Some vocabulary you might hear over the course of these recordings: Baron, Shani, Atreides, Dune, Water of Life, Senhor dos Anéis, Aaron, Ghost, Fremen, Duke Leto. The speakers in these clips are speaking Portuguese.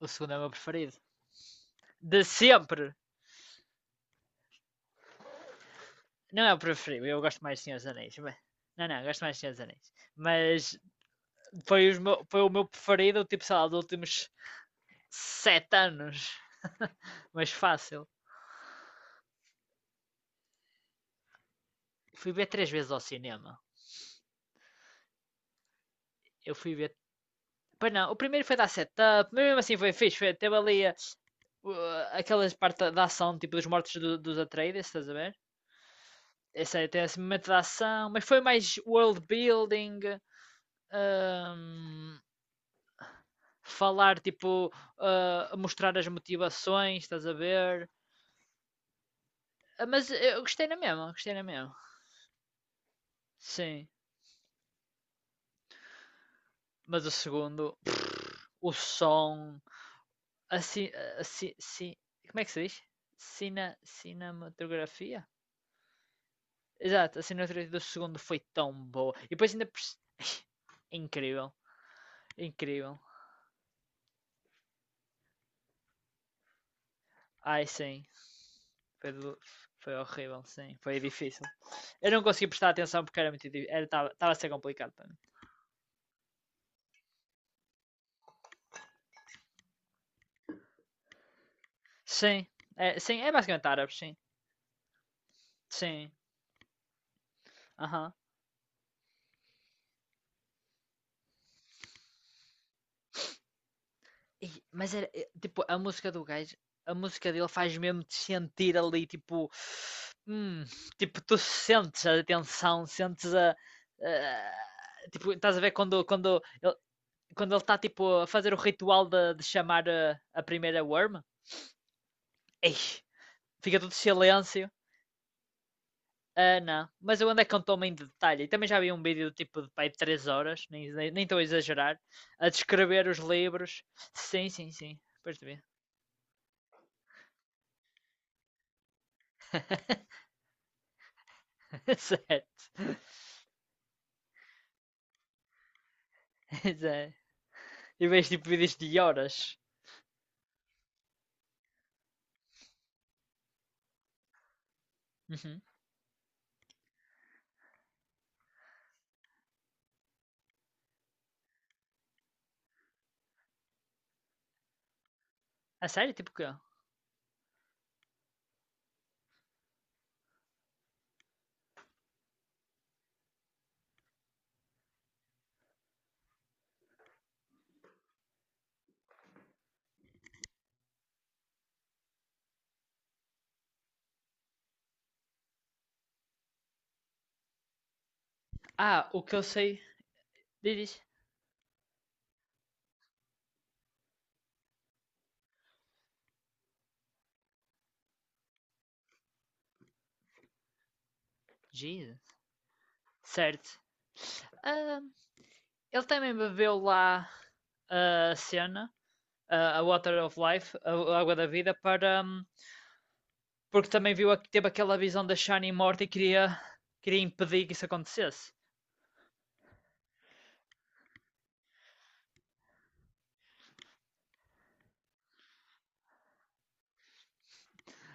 O segundo é o meu preferido. De sempre. Não é o preferido, eu gosto mais de Senhor dos Anéis. Mas... Não, não, gosto mais de Senhor dos Anéis. Mas foi o meu preferido, tipo, sei lá, dos últimos 7 anos. Mas fácil. Fui ver 3 vezes ao cinema. Eu fui ver Pois não, o primeiro foi dar setup, mas mesmo assim foi fixe, teve ali aquelas partes da ação, tipo dos mortos dos Atreides, estás a ver? Esse aí tem esse momento da ação, mas foi mais world building, um, falar, tipo, mostrar as motivações, estás a ver? Ah, mas eu gostei na mesma, gostei na mesma. Sim. Mas o segundo, o som, assim, assim, sim, como é que se diz? Cinematografia? Exato, a cinematografia do segundo foi tão boa. E depois ainda. Incrível, incrível. Ai sim, foi, do- foi horrível, sim, foi difícil. Eu não consegui prestar atenção porque era muito difícil, estava a ser complicado para mim. Sim, sim, é basicamente árabes, sim. Sim, aham. Mas é, tipo, a música do gajo, a música dele faz mesmo te sentir ali, hum, tipo, tu sentes a tensão, sentes tipo, estás a ver quando, quando ele está, tipo, a fazer o ritual de chamar a primeira worm? Ei, fica tudo silêncio. Ah, não. Mas eu andei com toma em detalhe. E também já vi um vídeo tipo de pai de 3 horas, nem estou nem a exagerar, a descrever os livros. Sim, sim, sim. Depois de ver. Certo. Exato. E vejo tipo vídeos de horas. Uhum. A sério? Tipo o quê? Ah, o que eu sei. Diz. Jesus. Certo. Ah, ele também bebeu lá a cena, a Water of Life, a água da vida, para porque também viu teve aquela visão da Shani morta e queria, impedir que isso acontecesse.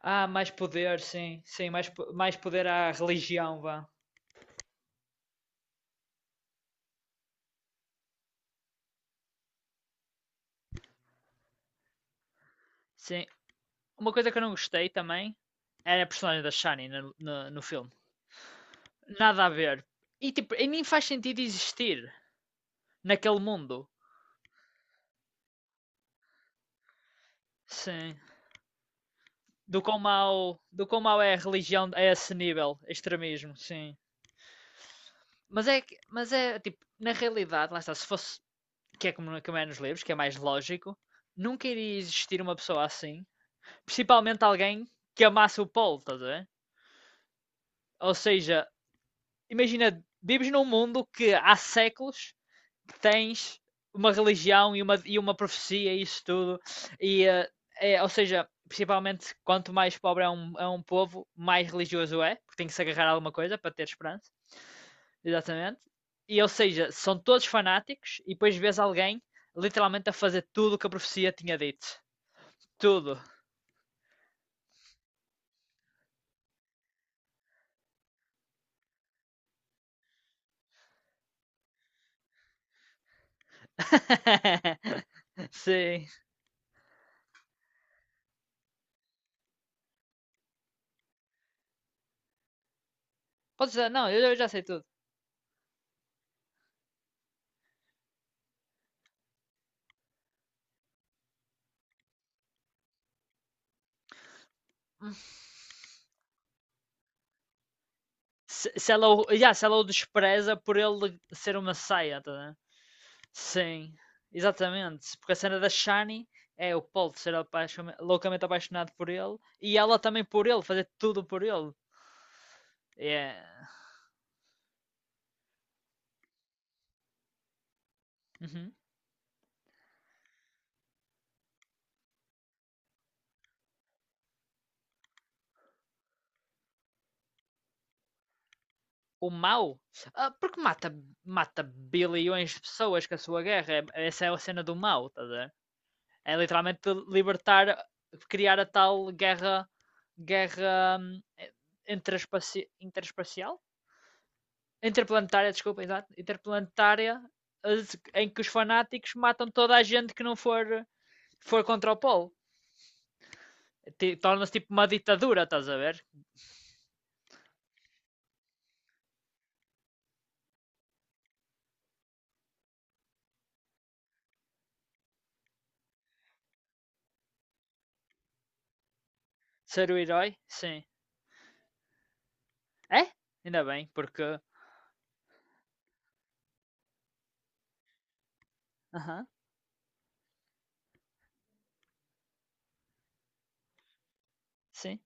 Ah, mais poder, sim, sim, mais poder à religião, vá. Sim. Uma coisa que eu não gostei também era a personagem da Shani no filme. Nada a ver. E tipo, e nem faz sentido existir naquele mundo. Sim. Do quão mau é a religião a esse nível, extremismo, sim. Mas é tipo, na realidade, lá está, se fosse que é como é nos livros, que é mais lógico, nunca iria existir uma pessoa assim. Principalmente alguém que amasse o Paul, estás a ver? Ou seja, imagina, vives num mundo que há séculos que tens uma religião e uma profecia e isso tudo. E, ou seja, principalmente quanto mais pobre é um povo, mais religioso é, porque tem que se agarrar a alguma coisa para ter esperança. Exatamente. E, ou seja, são todos fanáticos e depois vês alguém literalmente a fazer tudo o que a profecia tinha dito. Tudo. Sim. Pode ser não, eu já sei tudo. Se ela, yeah, se ela o despreza por ele ser uma saia, tá vendo? Sim, exatamente. Porque a cena da Shani é o Paul ser loucamente apaixonado por ele e ela também por ele, fazer tudo por ele. É. Uhum. O mau? Ah, porque mata, mata bilhões de pessoas com a sua guerra. Essa é a cena do mau, tá a É literalmente libertar, criar a tal guerra, guerra interespacial? Interplanetária, desculpa, exato. Interplanetária em que os fanáticos matam toda a gente que não for contra o polo. Torna-se tipo uma ditadura, estás a ver? Ser o herói, sim. É? Ainda bem, porque. Aham, sim.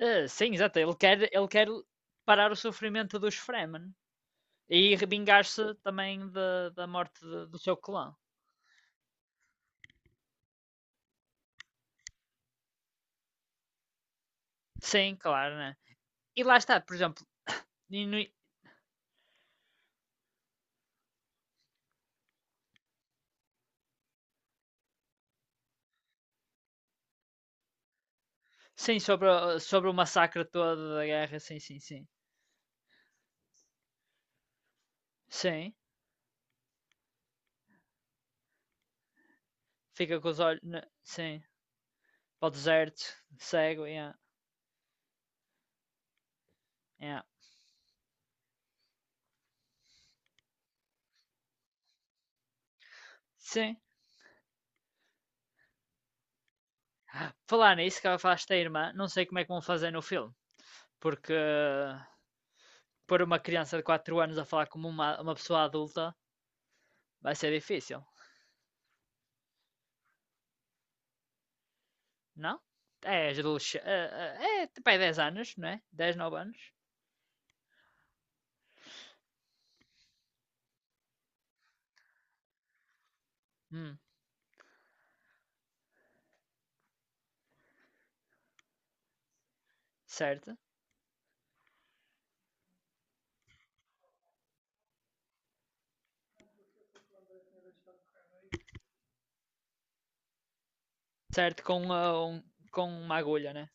Ah, sim, exato. ele quer parar o sofrimento dos Fremen e vingar-se também da morte do seu clã. Sim, claro, né? E lá está, por exemplo, e no- sim, sobre o massacre todo da guerra, sim, sim, sim. Sim, fica com os olhos, sim, para o deserto, cego, yeah, yeah. Sim. Falar nisso que ela falaste da irmã, não sei como é que vão fazer no filme, porque pôr uma criança de 4 anos a falar como uma pessoa adulta vai ser difícil, não? É, adolescente, é, tipo, é 10 anos, não é? Dez 9 anos. Hum, certo. Certo, com uma agulha, né?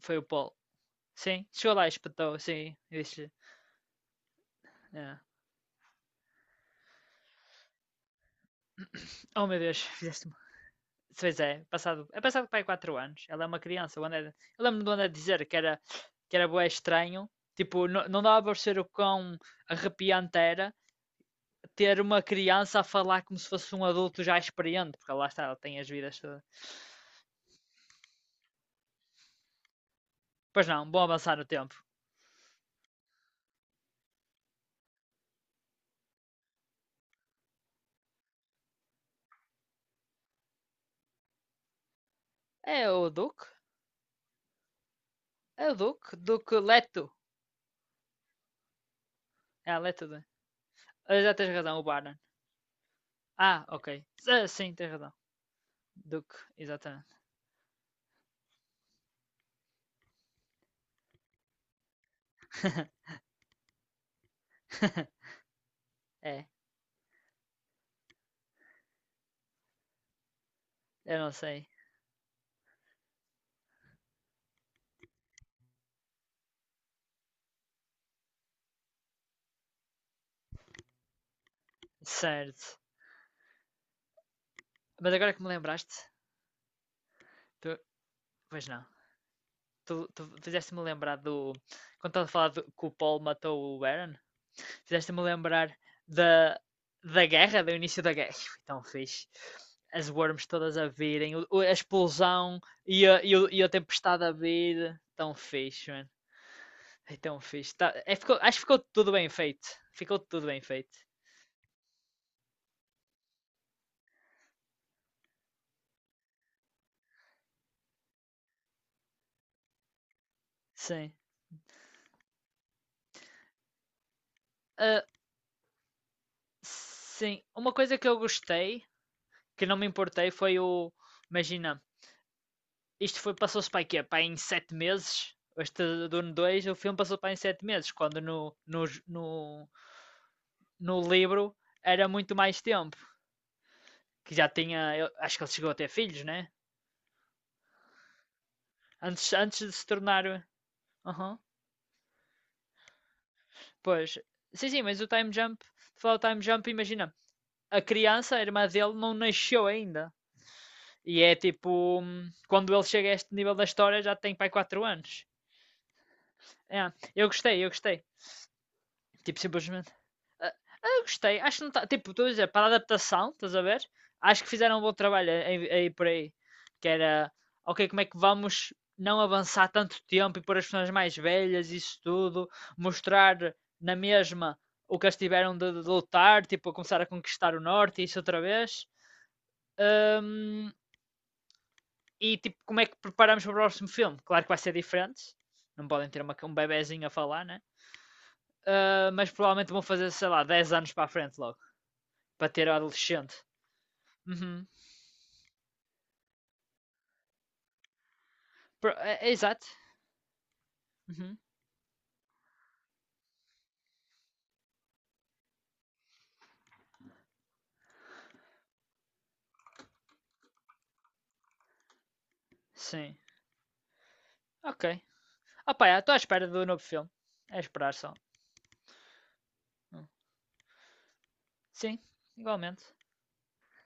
Foi o Paul. Sim, chegou lá e espetou, sim. Eu disse-lhe, ah, oh meu Deus, fizeste-me. Pois é, é passado para aí 4 anos. Ela é uma criança. O André, eu lembro do André dizer que era bué estranho. Tipo, não, não dava para ser o quão arrepiante era ter uma criança a falar como se fosse um adulto já experiente, porque lá está, ela tem as vidas todas. Pois não, bom avançar no tempo. É o Duke? É o Duke? Duke Leto. É, Leto. Ah, já tens razão, o Baron. Ah, ok. Ah, sim, tens razão. Duke, exatamente. É, eu não sei. Certo. Mas agora que me lembraste, tu... pois não. Tu fizeste-me lembrar do. Quando estava a falar que o Paul matou o Aaron, fizeste-me lembrar da, da guerra, do início da guerra. Foi tão fixe. As worms todas a virem, a explosão e a tempestade a vir. Tão fixe, mano. É tão fixe. Acho que ficou tudo bem feito. Ficou tudo bem feito. Sim. Ah, sim. Uma coisa que eu gostei que não me importei foi o. Imagina, passou-se para quê? Para em 7 meses? Este Dune 2 o filme passou para em 7 meses, quando no livro era muito mais tempo. Que já tinha. Eu acho que ele chegou a ter filhos, né? Antes de se tornar. Aham. Pois. Sim, sim, mas o time jump. Falar o time jump, imagina. A criança, a irmã dele, não nasceu ainda. E é tipo. Quando ele chega a este nível da história, já tem pai 4 anos. É, eu gostei, eu gostei. Tipo, simplesmente. Ah, ah, gostei. Acho que não tá. Tipo, estou a dizer, para a adaptação, estás a ver? Acho que fizeram um bom trabalho aí por aí. Que era, ok, como é que vamos não avançar tanto tempo e pôr as pessoas mais velhas, isso tudo, mostrar na mesma o que eles tiveram de lutar, tipo, a começar a conquistar o norte e isso outra vez. Ahm, e tipo, como é que preparamos para o próximo filme? Claro que vai ser diferente, não podem ter um bebezinho a falar, né? Ah, mas provavelmente vão fazer, sei lá, 10 anos para a frente logo. Para ter o adolescente. Uhum. É exato. Uhum. Sim. Ok. Opa, estou à espera do novo filme. É esperar só. Hum. Sim, igualmente.